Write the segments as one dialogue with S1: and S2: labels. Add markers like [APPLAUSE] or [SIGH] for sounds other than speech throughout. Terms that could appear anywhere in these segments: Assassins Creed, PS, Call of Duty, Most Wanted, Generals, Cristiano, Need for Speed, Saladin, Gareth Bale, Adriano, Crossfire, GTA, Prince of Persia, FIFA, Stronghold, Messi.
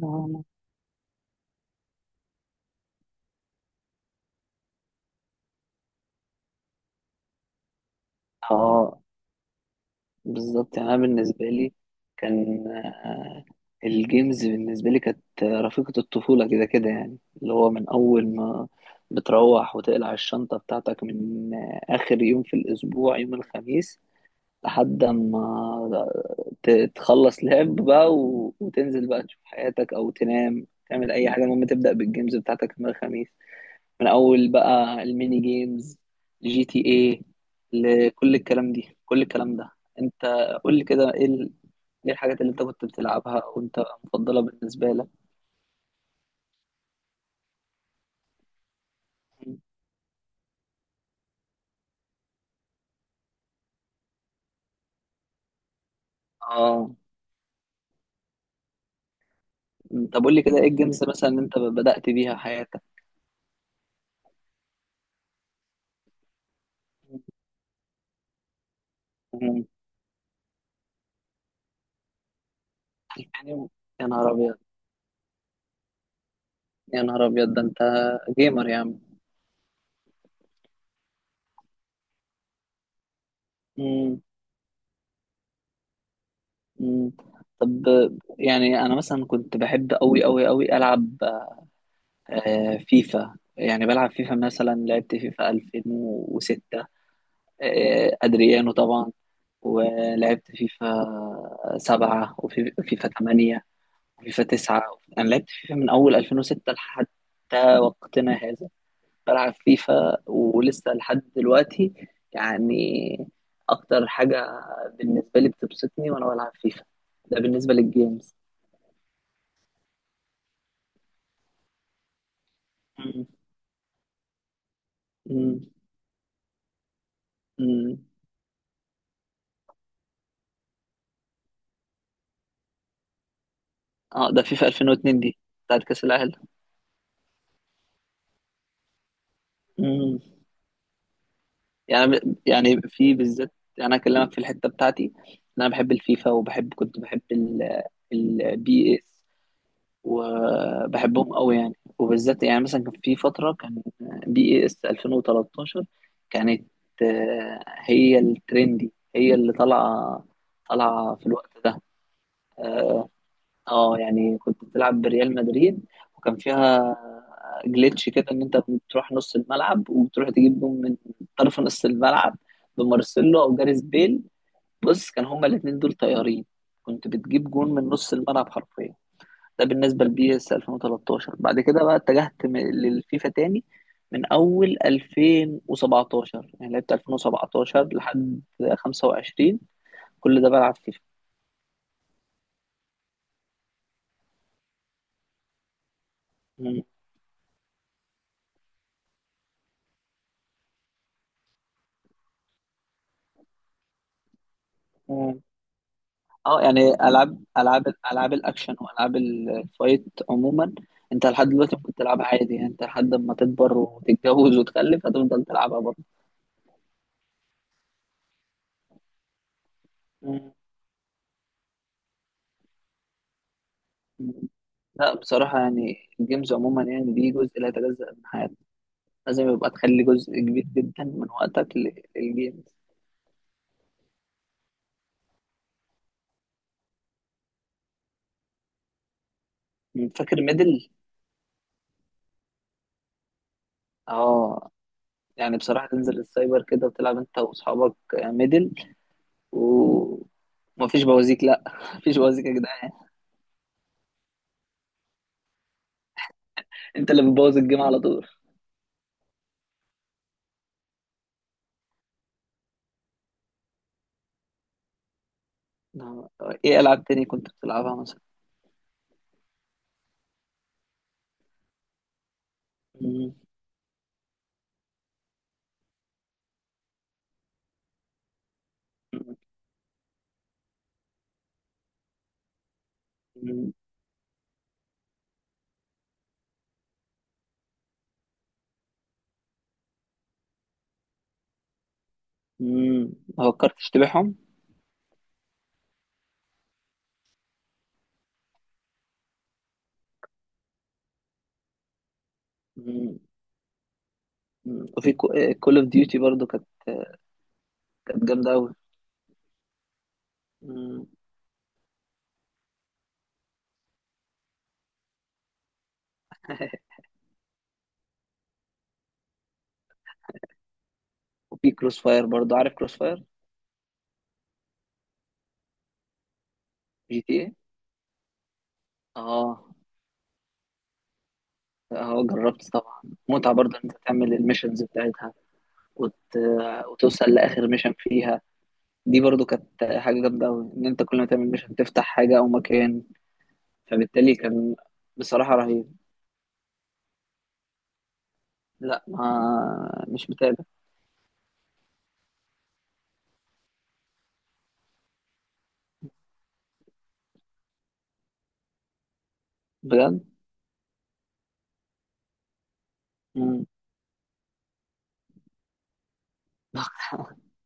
S1: نعم. اه، بالظبط. يعني انا بالنسبه لي كان الجيمز بالنسبه لي كانت رفيقه الطفوله، كده كده، يعني اللي هو من اول ما بتروح وتقلع الشنطه بتاعتك من اخر يوم في الاسبوع، يوم الخميس، لحد ما ت- تخلص لعب بقى وتنزل بقى تشوف حياتك او تنام، تعمل اي حاجه، المهم تبدا بالجيمز بتاعتك يوم الخميس، من اول بقى الميني جيمز، جي تي ايه، لكل الكلام دي، كل الكلام ده. انت قول لي كده ايه ايه الحاجات اللي انت كنت بتلعبها وانت مفضله بالنسبه لك. اه، طب قول لي كده ايه الجيمز مثلا اللي انت بدأت بيها حياتك. مم. يعني يا نهار ابيض، يا نهار ابيض، ده انت جيمر يا عم. مم. مم. طب، يعني انا مثلا كنت بحب قوي قوي قوي العب فيفا. يعني بلعب فيفا، مثلا لعبت فيفا 2006، أدريانو طبعا. ولعبت فيفا 7 وفيفا 8 وفيفا 9. أنا لعبت فيفا من أول 2006 لحد وقتنا هذا، بلعب فيفا ولسه لحد دلوقتي. يعني أكتر حاجة بالنسبة لي بتبسطني وأنا بلعب فيفا. ده بالنسبة للجيمز. مم. مم. مم. اه، ده فيفا 2002 دي بتاعت كأس العالم. مم. يعني يعني في بالذات، يعني انا اكلمك في الحته بتاعتي إن انا بحب الفيفا، كنت بحب البي اس وبحبهم قوي. يعني وبالذات، يعني مثلا كان في فتره، كان بي اس 2013 كانت هي الترندي، هي اللي طالعه في الوقت ده. اه، يعني كنت بتلعب بريال مدريد وكان فيها جليتش كده ان انت بتروح نص الملعب وبتروح تجيب جون من طرف نص الملعب بمارسيلو او جاريث بيل. بص، كان هما الاثنين دول طيارين. كنت بتجيب جون من نص الملعب حرفيا. ده بالنسبه لبي اس 2013. بعد كده بقى اتجهت للفيفا تاني من اول 2017. يعني لعبت 2017 لحد 25، كل ده بلعب فيفا. مم. اه، يعني العاب الاكشن والعاب الفايت عموما، انت لحد دلوقتي ممكن تلعبها عادي. يعني انت لحد ما تكبر وتتجوز وتخلف هتفضل تلعبها برضه. مم. لا، بصراحة يعني الجيمز عموما يعني دي جزء لا يتجزأ من حياتك. لازم يبقى تخلي جزء كبير جدا من وقتك للجيمز. مم. فاكر ميدل؟ اه، يعني بصراحة تنزل السايبر كده وتلعب انت واصحابك ميدل. ومفيش بوازيك، لا. [LAUGHS] مفيش بوازيك يا جدعان. انت اللي بتبوظ الجيم على طول. نعم. ايه العاب تاني كنت بتلعبها مثلا؟ مم. مم. مم. ما فكرتش تبيعهم؟ مم. مم. وفي كول اوف ديوتي برضو كانت جامده قوي. [LAUGHS] وفي كروس فاير برضو، عارف كروس فاير؟ جي تي ايه. اه، اه جربت طبعا. متعه برضو ان انت تعمل الميشنز بتاعتها وت... وتوصل لاخر ميشن فيها. دي برضو كانت حاجه جامده قوي، ان انت كل ما تعمل ميشن تفتح حاجه او مكان، فبالتالي كان بصراحه رهيب. لا، ما مش بتاع. بجد. مم. [LAUGHS]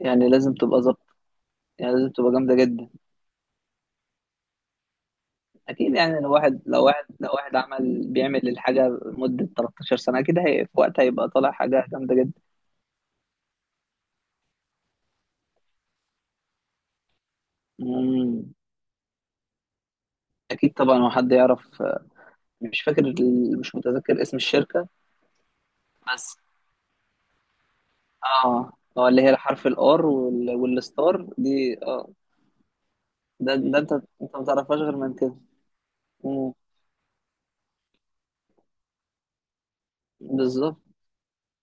S1: يعني لازم تبقى ظابطة، يعني لازم تبقى جامدة جدا. أكيد. يعني لو واحد عمل بيعمل الحاجة لمدة 13 سنة أكيد هي في وقتها هيبقى طالع حاجة جامدة جدا. مم. أكيد طبعا. هو حد يعرف؟ مش فاكر مش متذكر اسم الشركة بس. اه، اه، اللي هي حرف الار والستار دي. اه، ده انت، انت ما تعرفهاش غير من كده. مم. بالظبط،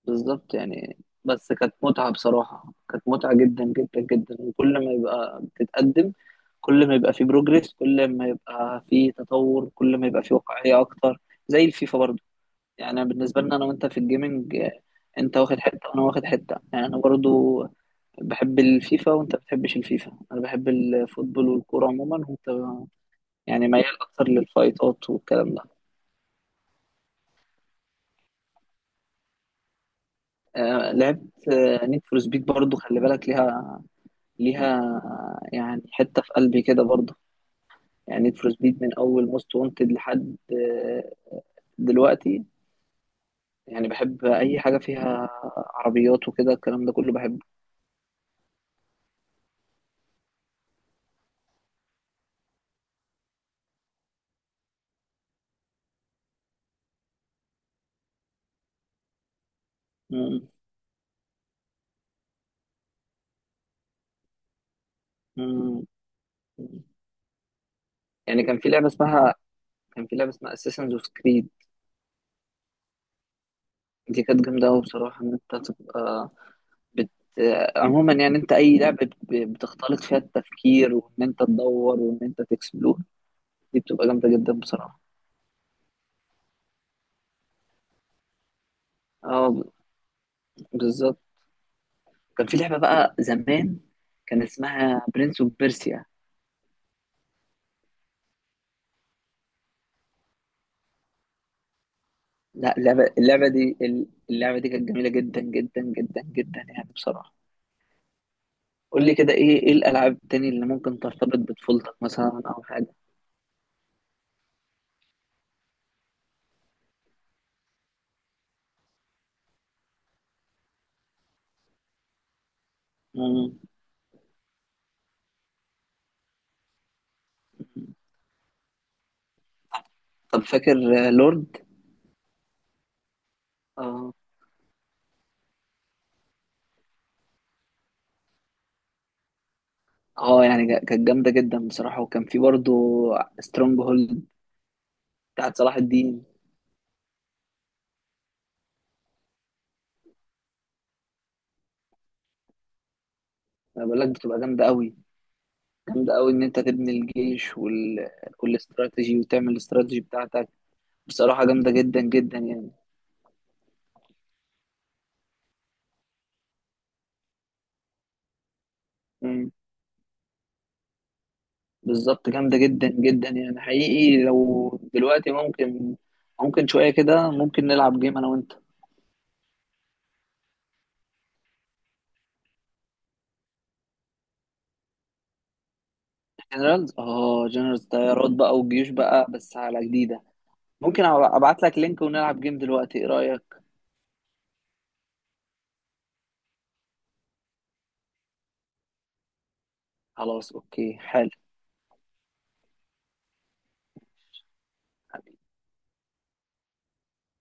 S1: بالظبط. يعني بس كانت متعة بصراحة، كانت متعة جدا جدا جدا. وكل ما يبقى بتتقدم، كل ما يبقى في بروجريس، كل ما يبقى في تطور، كل ما يبقى في واقعية أكتر، زي الفيفا برضو. يعني أنا بالنسبة لنا أنا وأنت في الجيمنج أنت واخد حتة وأنا واخد حتة. يعني أنا برضو بحب الفيفا وأنت بتحبش الفيفا. أنا بحب الفوتبول والكورة عموما، وأنت يعني ميال أكتر للفايتات والكلام ده. لعبت نيد فور سبيد برضو، خلي بالك ليها. ليها يعني حتة في قلبي كده برضه. يعني نيد فور سبيد من أول موست وانتد لحد دلوقتي. يعني بحب أي حاجة فيها عربيات وكده، الكلام ده كله بحبه. مم. مم. يعني كان في لعبة اسمها اساسنز اوف كريد. دي كانت جامدة أوي بصراحة، إن أنت تبقى بت... عموما، يعني أنت أي لعبة بتختلط فيها التفكير وإن أنت تدور وإن أنت تكسبلور، دي بتبقى جامدة جدا بصراحة. اه، بالظبط. كان في لعبة بقى زمان، كان اسمها برنس اوف بيرسيا. لا، اللعبة دي كانت جميلة جدا جدا جدا جدا، يعني بصراحة. قول لي كده ايه، ايه الألعاب التانية اللي ممكن ترتبط بطفولتك مثلا أو حاجة. مم. طب فاكر لورد؟ اه، اه. يعني كانت جامدة جدا بصراحة. وكان في برضه سترونج هولد بتاعت صلاح الدين. انا بقول لك بتبقى جامدة قوي، جامدة قوي، ان انت تبني الجيش والاستراتيجي، وتعمل الاستراتيجي بتاعتك. بصراحة جامدة جدا جدا يعني. مم. بالظبط، جامدة جدا جدا يعني. حقيقي لو دلوقتي ممكن، شوية كده، ممكن نلعب جيم أنا وأنت. جنرالز. اه، جنرالز، طيارات بقى وجيوش بقى، بس على جديدة. ممكن أبعت لك لينك ونلعب جيم دلوقتي، إيه رأيك؟ خلاص، أوكي، حلو